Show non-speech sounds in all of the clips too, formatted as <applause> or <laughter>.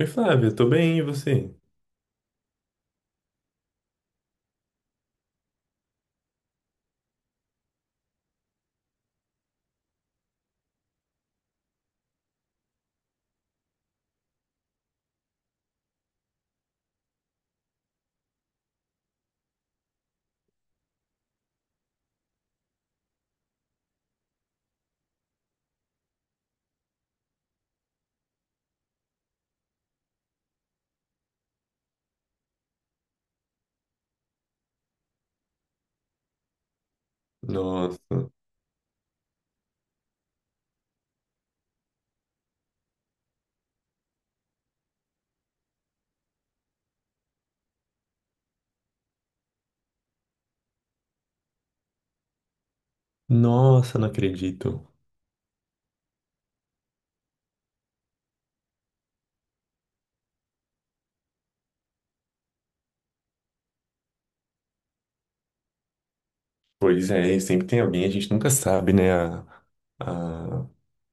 Oi, Flávia, tô bem, e você? Nossa, nossa, não acredito. Pois é, e sempre tem alguém, a gente nunca sabe, né, a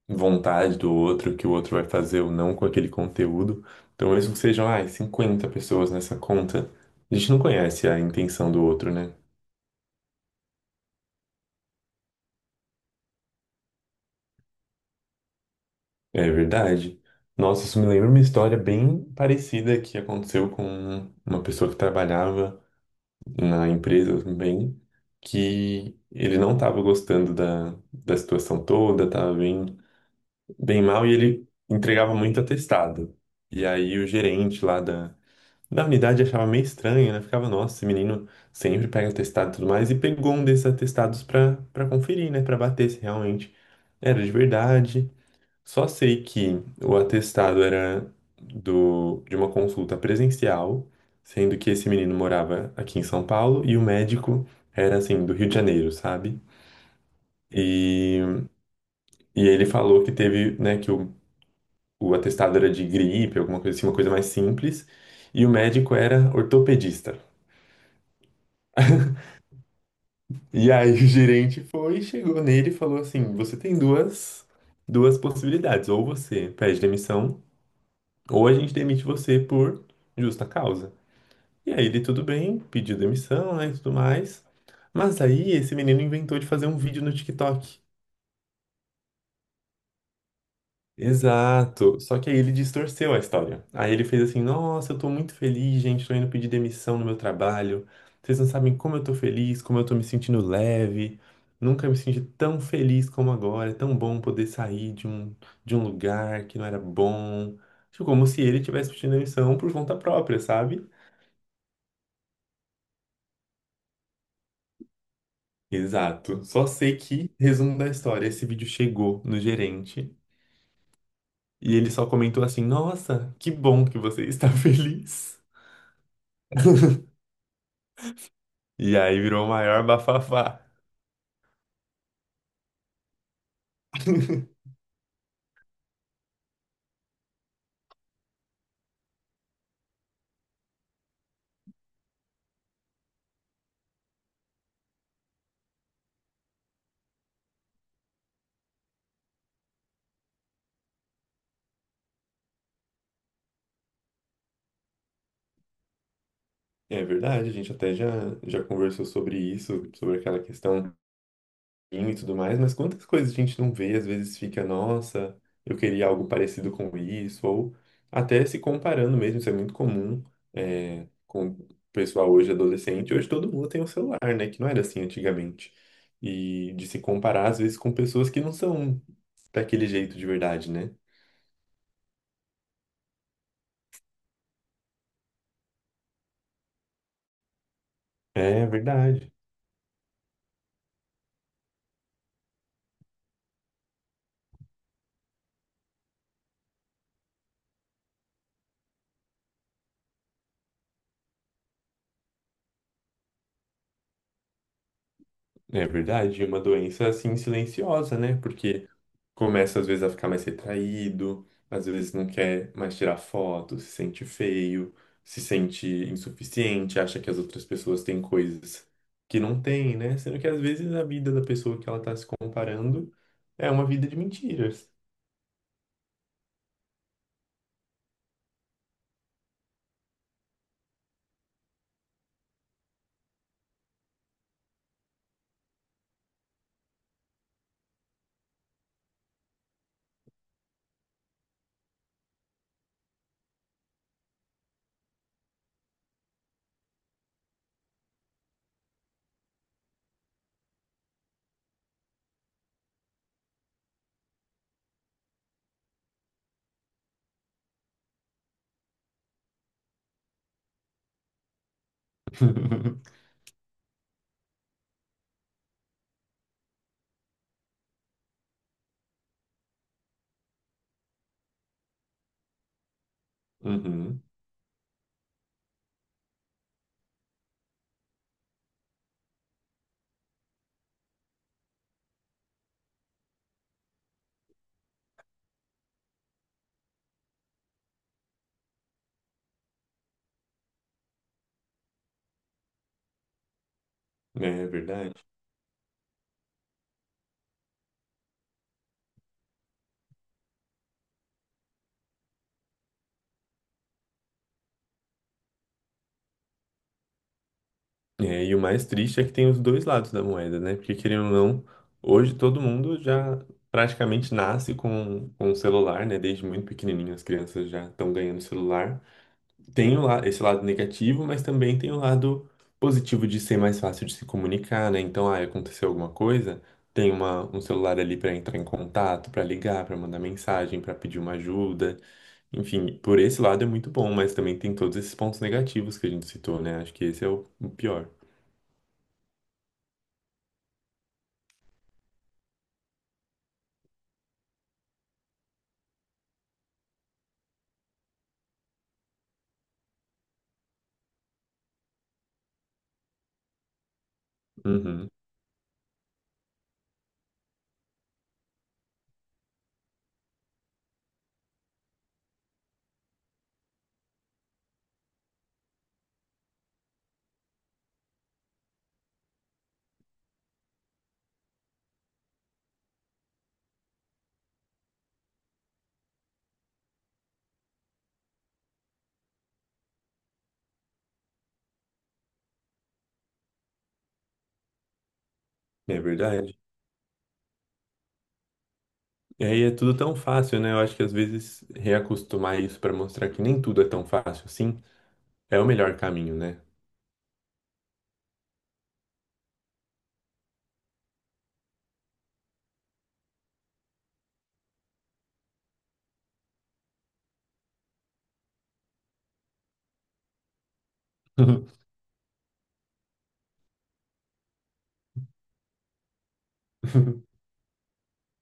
vontade do outro, o que o outro vai fazer ou não com aquele conteúdo. Então, mesmo que sejam, ai, 50 pessoas nessa conta, a gente não conhece a intenção do outro, né? É verdade. Nossa, isso me lembra uma história bem parecida que aconteceu com uma pessoa que trabalhava na empresa também, que ele não estava gostando da situação toda, estava bem mal e ele entregava muito atestado. E aí o gerente lá da unidade achava meio estranho, né? Ficava, nossa, esse menino sempre pega atestado e tudo mais, e pegou um desses atestados para conferir, né? Para bater se realmente era de verdade. Só sei que o atestado era de uma consulta presencial, sendo que esse menino morava aqui em São Paulo e o médico era assim, do Rio de Janeiro, sabe? E, e ele falou que teve, né, o atestado era de gripe, alguma coisa assim, uma coisa mais simples, e o médico era ortopedista. E aí o gerente foi, chegou nele e falou assim: "Você tem duas possibilidades, ou você pede demissão, ou a gente demite você por justa causa." E aí ele, tudo bem, pediu demissão, né, e tudo mais. Mas aí esse menino inventou de fazer um vídeo no TikTok. Exato. Só que aí ele distorceu a história. Aí ele fez assim: "Nossa, eu tô muito feliz, gente, tô indo pedir demissão no meu trabalho. Vocês não sabem como eu tô feliz, como eu tô me sentindo leve. Nunca me senti tão feliz como agora. É tão bom poder sair de de um lugar que não era bom." Tipo, como se ele tivesse pedindo demissão por conta própria, sabe? Exato. Só sei que, resumo da história, esse vídeo chegou no gerente e ele só comentou assim: "Nossa, que bom que você está <laughs> feliz." E aí virou o maior bafafá. <laughs> É verdade, a gente até já conversou sobre isso, sobre aquela questão e tudo mais, mas quantas coisas a gente não vê, às vezes fica, nossa, eu queria algo parecido com isso, ou até se comparando mesmo, isso é muito comum, é, com o pessoal hoje adolescente. Hoje todo mundo tem um celular, né? Que não era assim antigamente. E de se comparar, às vezes, com pessoas que não são daquele jeito de verdade, né? É verdade. É verdade, é uma doença assim silenciosa, né? Porque começa às vezes a ficar mais retraído, às vezes não quer mais tirar foto, se sente feio, se sente insuficiente, acha que as outras pessoas têm coisas que não têm, né? Sendo que às vezes a vida da pessoa que ela tá se comparando é uma vida de mentiras. <laughs> Uhum, é verdade. É, e o mais triste é que tem os dois lados da moeda, né? Porque, querendo ou não, hoje todo mundo já praticamente nasce com um celular, né? Desde muito pequenininho as crianças já estão ganhando celular. Tem o esse lado negativo, mas também tem o lado positivo de ser mais fácil de se comunicar, né? Então, ah, aconteceu alguma coisa, tem um celular ali para entrar em contato, para ligar, para mandar mensagem, para pedir uma ajuda. Enfim, por esse lado é muito bom, mas também tem todos esses pontos negativos que a gente citou, né? Acho que esse é o pior. Uhum, é verdade. E aí é tudo tão fácil, né? Eu acho que às vezes reacostumar isso para mostrar que nem tudo é tão fácil assim é o melhor caminho, né? <laughs>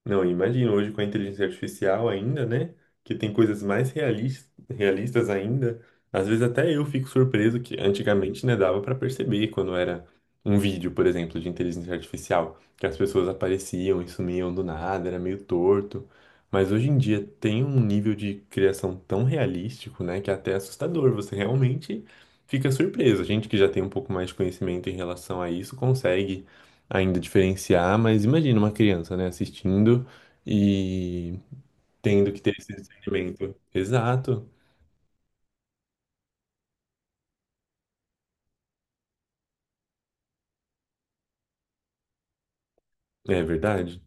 Não, imagino hoje com a inteligência artificial ainda, né? Que tem coisas mais realistas ainda. Às vezes até eu fico surpreso que antigamente, né, dava pra perceber quando era um vídeo, por exemplo, de inteligência artificial, que as pessoas apareciam e sumiam do nada, era meio torto. Mas hoje em dia tem um nível de criação tão realístico, né, que é até assustador. Você realmente fica surpreso. A gente que já tem um pouco mais de conhecimento em relação a isso consegue ainda diferenciar, mas imagina uma criança, né, assistindo e tendo que ter esse discernimento. Exato. É verdade.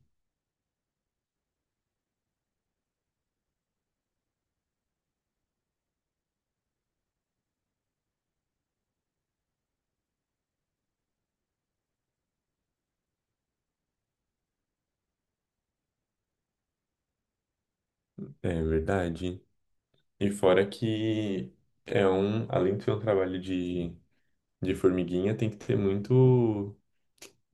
É verdade. E fora que é um, além de ser um trabalho de formiguinha, tem que ter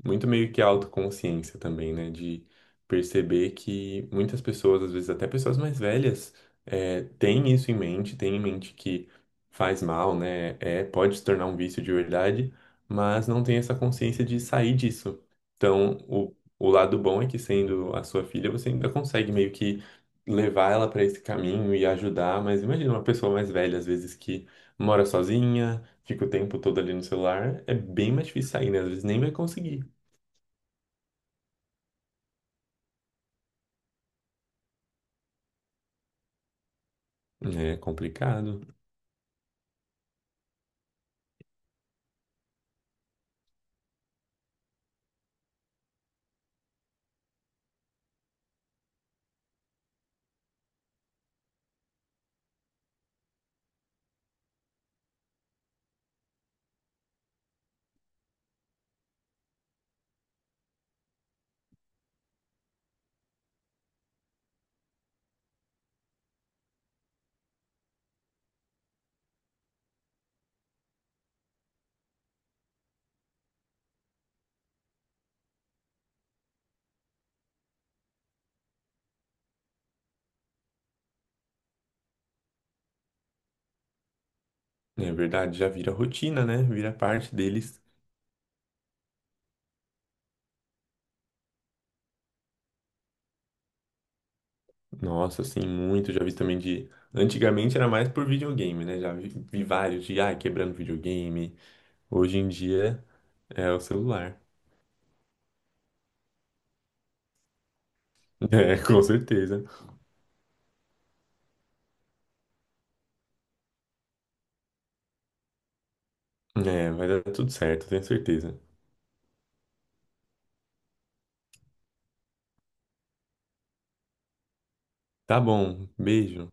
muito meio que autoconsciência também, né? De perceber que muitas pessoas, às vezes até pessoas mais velhas, é, têm isso em mente, têm em mente que faz mal, né? É, pode se tornar um vício de verdade, mas não tem essa consciência de sair disso. Então, o lado bom é que sendo a sua filha, você ainda consegue meio que levar ela para esse caminho e ajudar, mas imagina uma pessoa mais velha, às vezes que mora sozinha, fica o tempo todo ali no celular, é bem mais difícil sair, né? Às vezes nem vai conseguir. É complicado. Né, é verdade, já vira rotina, né? Vira parte deles. Nossa, assim, muito. Já vi também de. Antigamente era mais por videogame, né? Vi vários de, ah, quebrando videogame. Hoje em dia é o celular. <laughs> É, com certeza. É, vai dar tudo certo, tenho certeza. Tá bom, beijo.